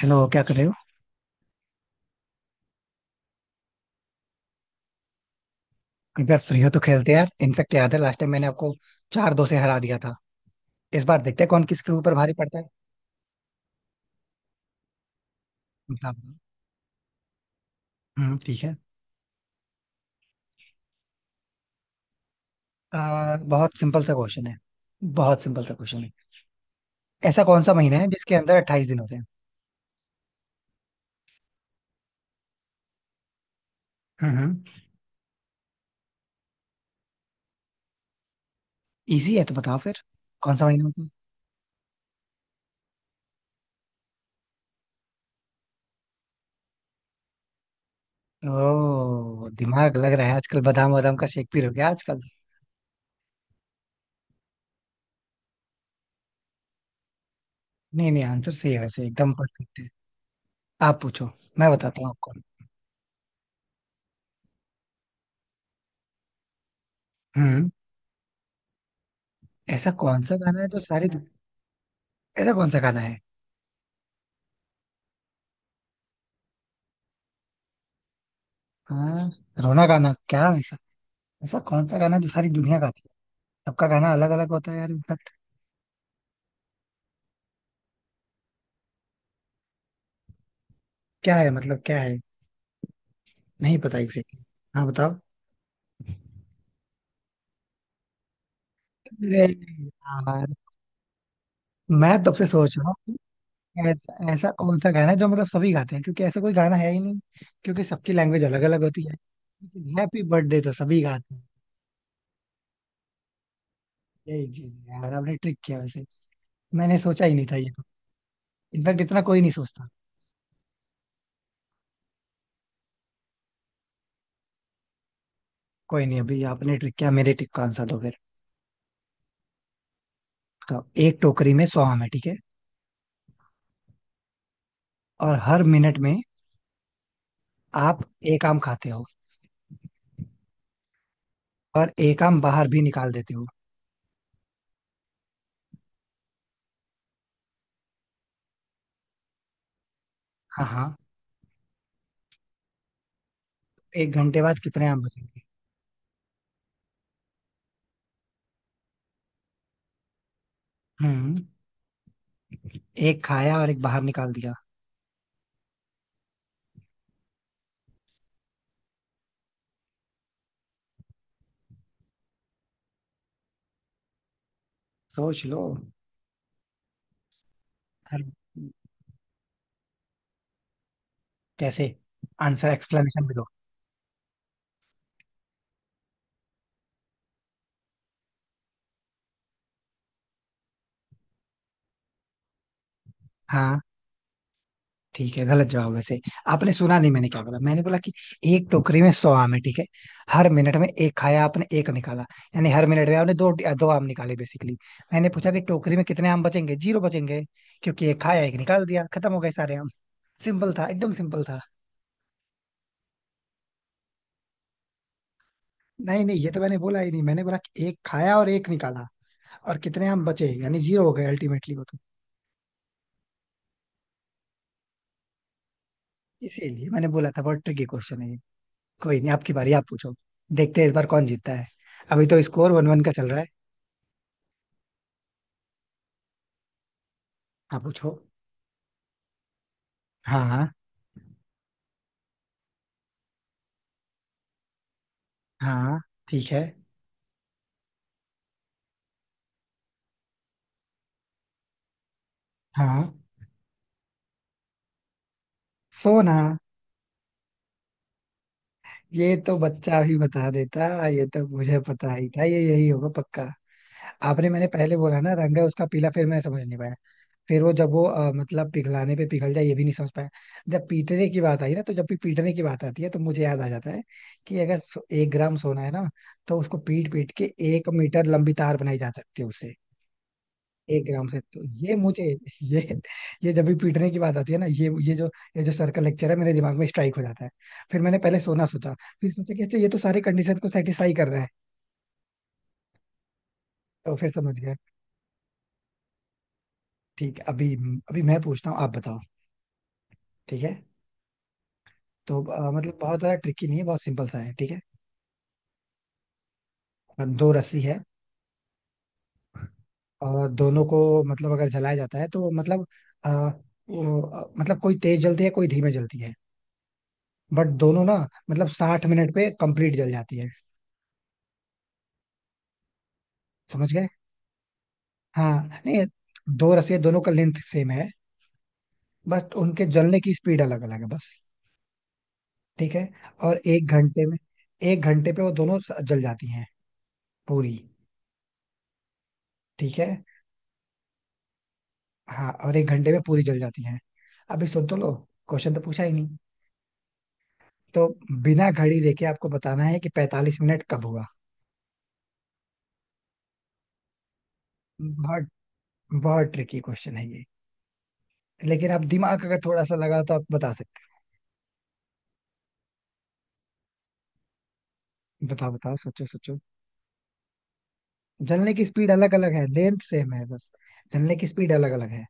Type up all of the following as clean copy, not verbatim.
Hello, क्या कर रहे हो। अगर फ्री हो तो खेलते हैं यार। इनफेक्ट याद है लास्ट टाइम मैंने आपको चार दो से हरा दिया था। इस बार देखते हैं कौन किसके ऊपर भारी पड़ता है, मुकाबला। हम्म, ठीक है। बहुत सिंपल सा क्वेश्चन है। बहुत सिंपल सा क्वेश्चन है। ऐसा कौन सा महीना है जिसके अंदर अट्ठाईस दिन होते हैं। हम्म। इजी है तो बताओ फिर, कौन सा महीना होता है। ओ, दिमाग लग रहा है, आजकल बादाम वादाम का शेक पी रहे हो क्या आजकल। नहीं नहीं, आंसर सही है वैसे, एकदम परफेक्ट है। आप पूछो, मैं बताता हूँ आपको। हम्म। ऐसा कौन सा गाना है जो सारी, ऐसा कौन सा गाना है। हाँ, रोना गाना क्या है ऐसा। ऐसा कौन सा गाना है जो सारी दुनिया गाती है। सबका गाना अलग अलग होता है यार, इनफैक्ट क्या है, मतलब क्या है। नहीं पता एग्जैक्टली। हाँ बताओ। अरे यार, मैं तब से सोच रहा हूँ ऐसा ऐसा कौन सा गाना है जो मतलब सभी गाते हैं, क्योंकि ऐसा कोई गाना है ही नहीं। क्योंकि सबकी लैंग्वेज अलग अलग होती है, लेकिन हैप्पी बर्थडे तो सभी गाते हैं। यही चीज है यार, आपने ट्रिक किया वैसे। मैंने सोचा ही नहीं था ये तो। इनफैक्ट इतना कोई नहीं सोचता। कोई नहीं, अभी आपने ट्रिक किया, मेरे ट्रिक का आंसर दो फिर। तो एक टोकरी में 100 आम है, ठीक है। और हर मिनट में आप एक आम खाते हो, और एक आम बाहर भी निकाल देते हो। हाँ हाँ। एक घंटे बाद कितने आम बचेंगे। हम्म। एक खाया और एक बाहर निकाल दिया। सोच लो। हर, कैसे, आंसर एक्सप्लेनेशन भी दो। हाँ, ठीक है, गलत जवाब वैसे। आपने सुना नहीं मैंने क्या बोला। मैंने बोला कि एक टोकरी में 100 आम है, ठीक है। हर मिनट में एक खाया आपने, एक निकाला। यानी हर मिनट में आपने दो दो आम निकाले बेसिकली। मैंने पूछा कि टोकरी में कितने आम बचेंगे। 0 बचेंगे, क्योंकि एक खाया एक निकाल दिया, खत्म हो गए सारे आम। सिंपल था, एकदम सिंपल था। नहीं नहीं, ये तो मैंने बोला ही नहीं, मैंने बोला कि एक खाया और एक निकाला, और कितने हम बचे, यानी 0 हो गए अल्टीमेटली वो तो। इसीलिए मैंने बोला था बहुत ट्रिकी क्वेश्चन है ये। कोई नहीं, आपकी बारी, आप पूछो। देखते हैं इस बार कौन जीतता है, अभी तो स्कोर वन वन का चल रहा है। आप पूछो। हाँ हाँ। हाँ। ठीक है। हाँ। सोना। ये तो बच्चा भी बता देता, ये तो मुझे पता ही था ये यही होगा पक्का। आपने, मैंने पहले बोला ना रंग है उसका पीला, फिर मैं समझ नहीं पाया। फिर वो जब वो मतलब पिघलाने पे पिघल जाए, ये भी नहीं समझ पाया। जब पीटने की बात आई ना, तो जब भी पीटने की बात आती है तो मुझे याद आ जाता है कि अगर एक ग्राम सोना है ना, तो उसको पीट पीट के एक मीटर लंबी तार बनाई जा सकती है उससे। एक ग्राम से तो ये मुझे, ये ये जब भी पीटने की बात आती है ना, ये जो, ये जो सर्कल लेक्चर है मेरे दिमाग में स्ट्राइक हो जाता है। फिर मैंने पहले सोना सोचा, फिर सोचा कि अच्छा ये तो सारे कंडीशन को सेटिस्फाई कर रहा है, तो फिर समझ गया। ठीक है, अभी, अभी मैं पूछता हूँ, आप बताओ, ठीक है। तो मतलब बहुत ज्यादा ट्रिकी नहीं है, बहुत सिंपल सा है, ठीक है। दो रस्सी है, और दोनों को मतलब अगर जलाया जाता है, तो मतलब आ, मतलब कोई तेज जलती है, कोई धीमे जलती है, बट दोनों ना मतलब 60 मिनट पे कंप्लीट जल जाती है। समझ गए। हाँ, नहीं, दो रस्सी है, दोनों का लेंथ सेम है, बट उनके जलने की स्पीड अलग अलग है बस, ठीक है। और एक घंटे में, एक घंटे पे वो दोनों जल जाती हैं, पूरी, ठीक है। हाँ, और एक घंटे में पूरी जल जाती हैं। अभी सुन तो लो, क्वेश्चन तो पूछा ही नहीं। तो बिना घड़ी देखे आपको बताना है कि 45 मिनट कब हुआ। बहुत बहुत ट्रिकी क्वेश्चन है ये, लेकिन आप दिमाग अगर थोड़ा सा लगा तो आप बता सकते हैं। बताओ बताओ, सोचो सोचो, जलने की स्पीड अलग अलग है, लेंथ सेम है बस, जलने की स्पीड अलग अलग है।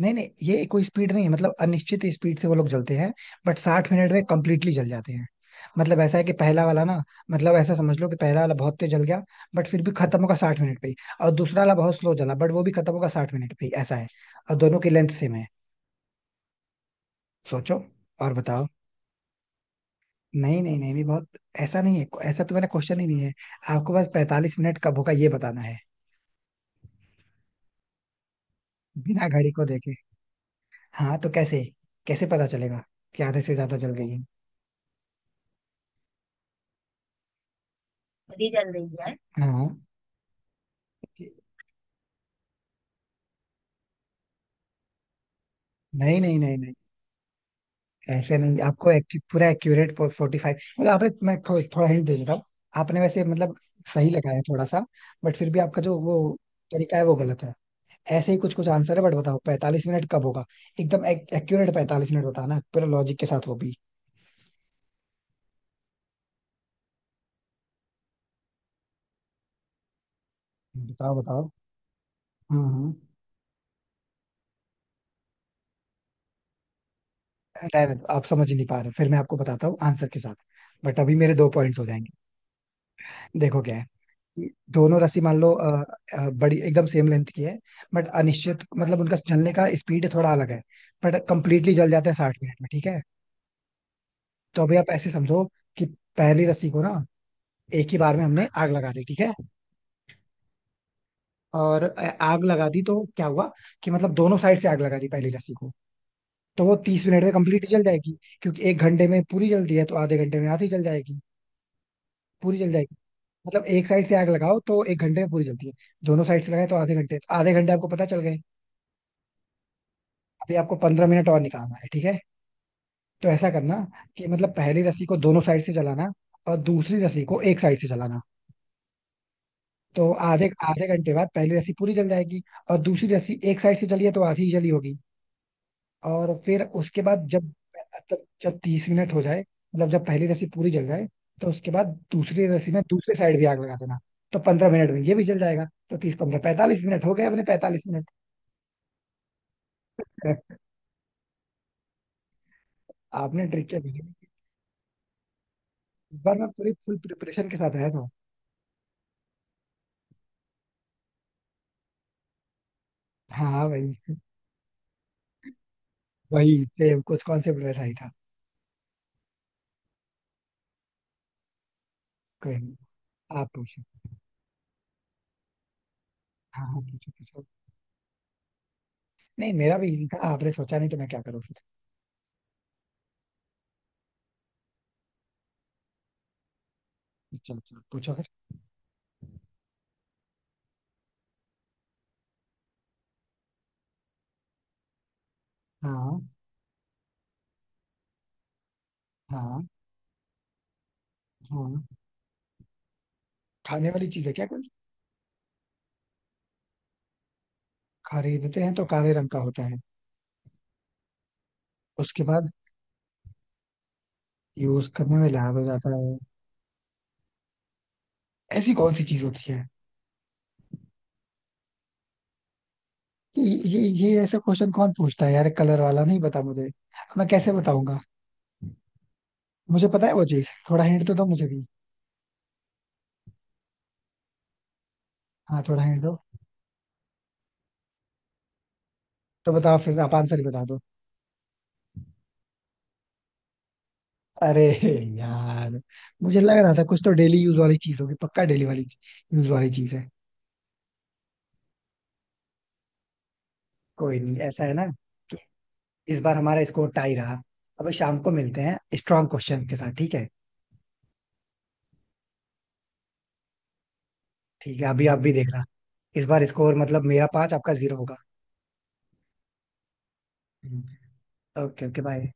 नहीं नहीं, ये कोई स्पीड नहीं है, मतलब अनिश्चित स्पीड से वो लोग जलते हैं, बट 60 मिनट में कंप्लीटली जल जाते हैं। मतलब ऐसा है कि पहला वाला ना, मतलब ऐसा समझ लो कि पहला वाला बहुत तेज जल गया, बट फिर भी खत्म होगा 60 मिनट पे ही। और दूसरा वाला बहुत स्लो जला, बट वो भी खत्म होगा 60 मिनट पे ही, ऐसा है। और दोनों की लेंथ सेम है। सोचो और बताओ। नहीं नहीं नहीं नहीं, बहुत ऐसा नहीं है, ऐसा तो मैंने क्वेश्चन ही नहीं है। आपको बस 45 मिनट कब होगा ये बताना है, बिना घड़ी को देखे। हाँ, तो कैसे, कैसे पता चलेगा कि आधे से ज्यादा जल गई है। खुद ही चल रही है। हाँ, नहीं नहीं नहीं नहीं, ऐसे नहीं, आपको पूरा एक्यूरेट 45, मतलब आपने, मैं थोड़ा हिंट दे देता हूँ। आपने वैसे मतलब सही लगाया थोड़ा सा, बट फिर भी आपका जो वो तरीका है वो गलत है। ऐसे ही कुछ कुछ आंसर है, बट बताओ 45 मिनट कब होगा। एकदम एक्यूरेट 45 मिनट बताना, पूरा लॉजिक के साथ वो भी। बताओ बताओ। हम्म, रहने दो, आप समझ नहीं पा रहे, फिर मैं आपको बताता हूँ आंसर के साथ, बट अभी मेरे दो पॉइंट्स हो जाएंगे। देखो क्या है, कि दोनों रस्सी मान लो बड़ी एकदम सेम लेंथ की है, बट अनिश्चित, मतलब उनका जलने का स्पीड थोड़ा अलग है, बट कंप्लीटली जल जाते हैं 60 मिनट में, ठीक है। तो अभी आप ऐसे समझो कि पहली रस्सी को ना एक ही बार में हमने आग लगा दी, ठीक है। और आग लगा दी तो क्या हुआ, कि मतलब दोनों साइड से आग लगा दी पहली लस्सी को, तो वो 30 मिनट में कंप्लीट जल जाएगी, क्योंकि एक घंटे में पूरी जलती है तो आधे घंटे में आधी जल जाएगी, पूरी जल जाएगी। मतलब एक साइड से आग लगाओ तो एक घंटे में पूरी जलती है, दोनों साइड से लगाए तो आधे घंटे, आधे घंटे आपको पता चल गए। अभी आपको 15 मिनट और निकालना है, ठीक है। तो ऐसा करना कि मतलब पहली रस्सी को दोनों साइड से जलाना, और दूसरी रस्सी को एक साइड से जलाना। तो आधे आधे घंटे बाद पहली रस्सी पूरी जल जाएगी, और दूसरी रस्सी एक साइड से जली है तो आधी ही जली होगी। और फिर उसके बाद जब, मतलब जब 30 मिनट हो जाए मतलब जब पहली रस्सी पूरी जल जाए, तो उसके बाद दूसरी रस्सी में दूसरे साइड भी आग लगा देना, तो 15 मिनट में ये भी जल जाएगा। तो 30 15 45 मिनट हो गए अपने, 45 मिनट। आपने ट्रिक क्या दी है? इस बार मैं पूरी फुल प्रिपरेशन के साथ आया था। हाँ हाँ भाई, वही सेम कुछ कॉन्सेप्ट वैसा ही था। कोई नहीं, आप पूछो। हाँ हाँ, पूछो पूछो। नहीं, मेरा भी इजी था, आपने सोचा नहीं तो मैं क्या करूँ फिर। अच्छा अच्छा, पूछो फिर। हाँ हाँ। हाँ। हाँ। खाने वाली चीज है क्या कोई। खरीदते हैं तो काले रंग का होता है, उसके बाद यूज करने में लाल हो जाता है। ऐसी कौन सी चीज होती है। ये ये ऐसा क्वेश्चन कौन पूछता है यार, कलर वाला नहीं पता मुझे, मैं कैसे बताऊंगा। मुझे पता है वो चीज, थोड़ा हिंट तो दो मुझे भी। हाँ, थोड़ा हिंट दो। तो बताओ फिर, आप आंसर ही बता दो। अरे यार, मुझे लग रहा था कुछ तो डेली यूज वाली चीज होगी पक्का, डेली वाली यूज वाली चीज है। कोई नहीं, ऐसा है ना कि इस बार हमारा स्कोर टाई रहा। अब शाम को मिलते हैं स्ट्रांग क्वेश्चन के साथ, ठीक है। ठीक है, अभी आप भी देखना, इस बार स्कोर मतलब मेरा 5 आपका 0 होगा। हम्म। Okay okay, bye.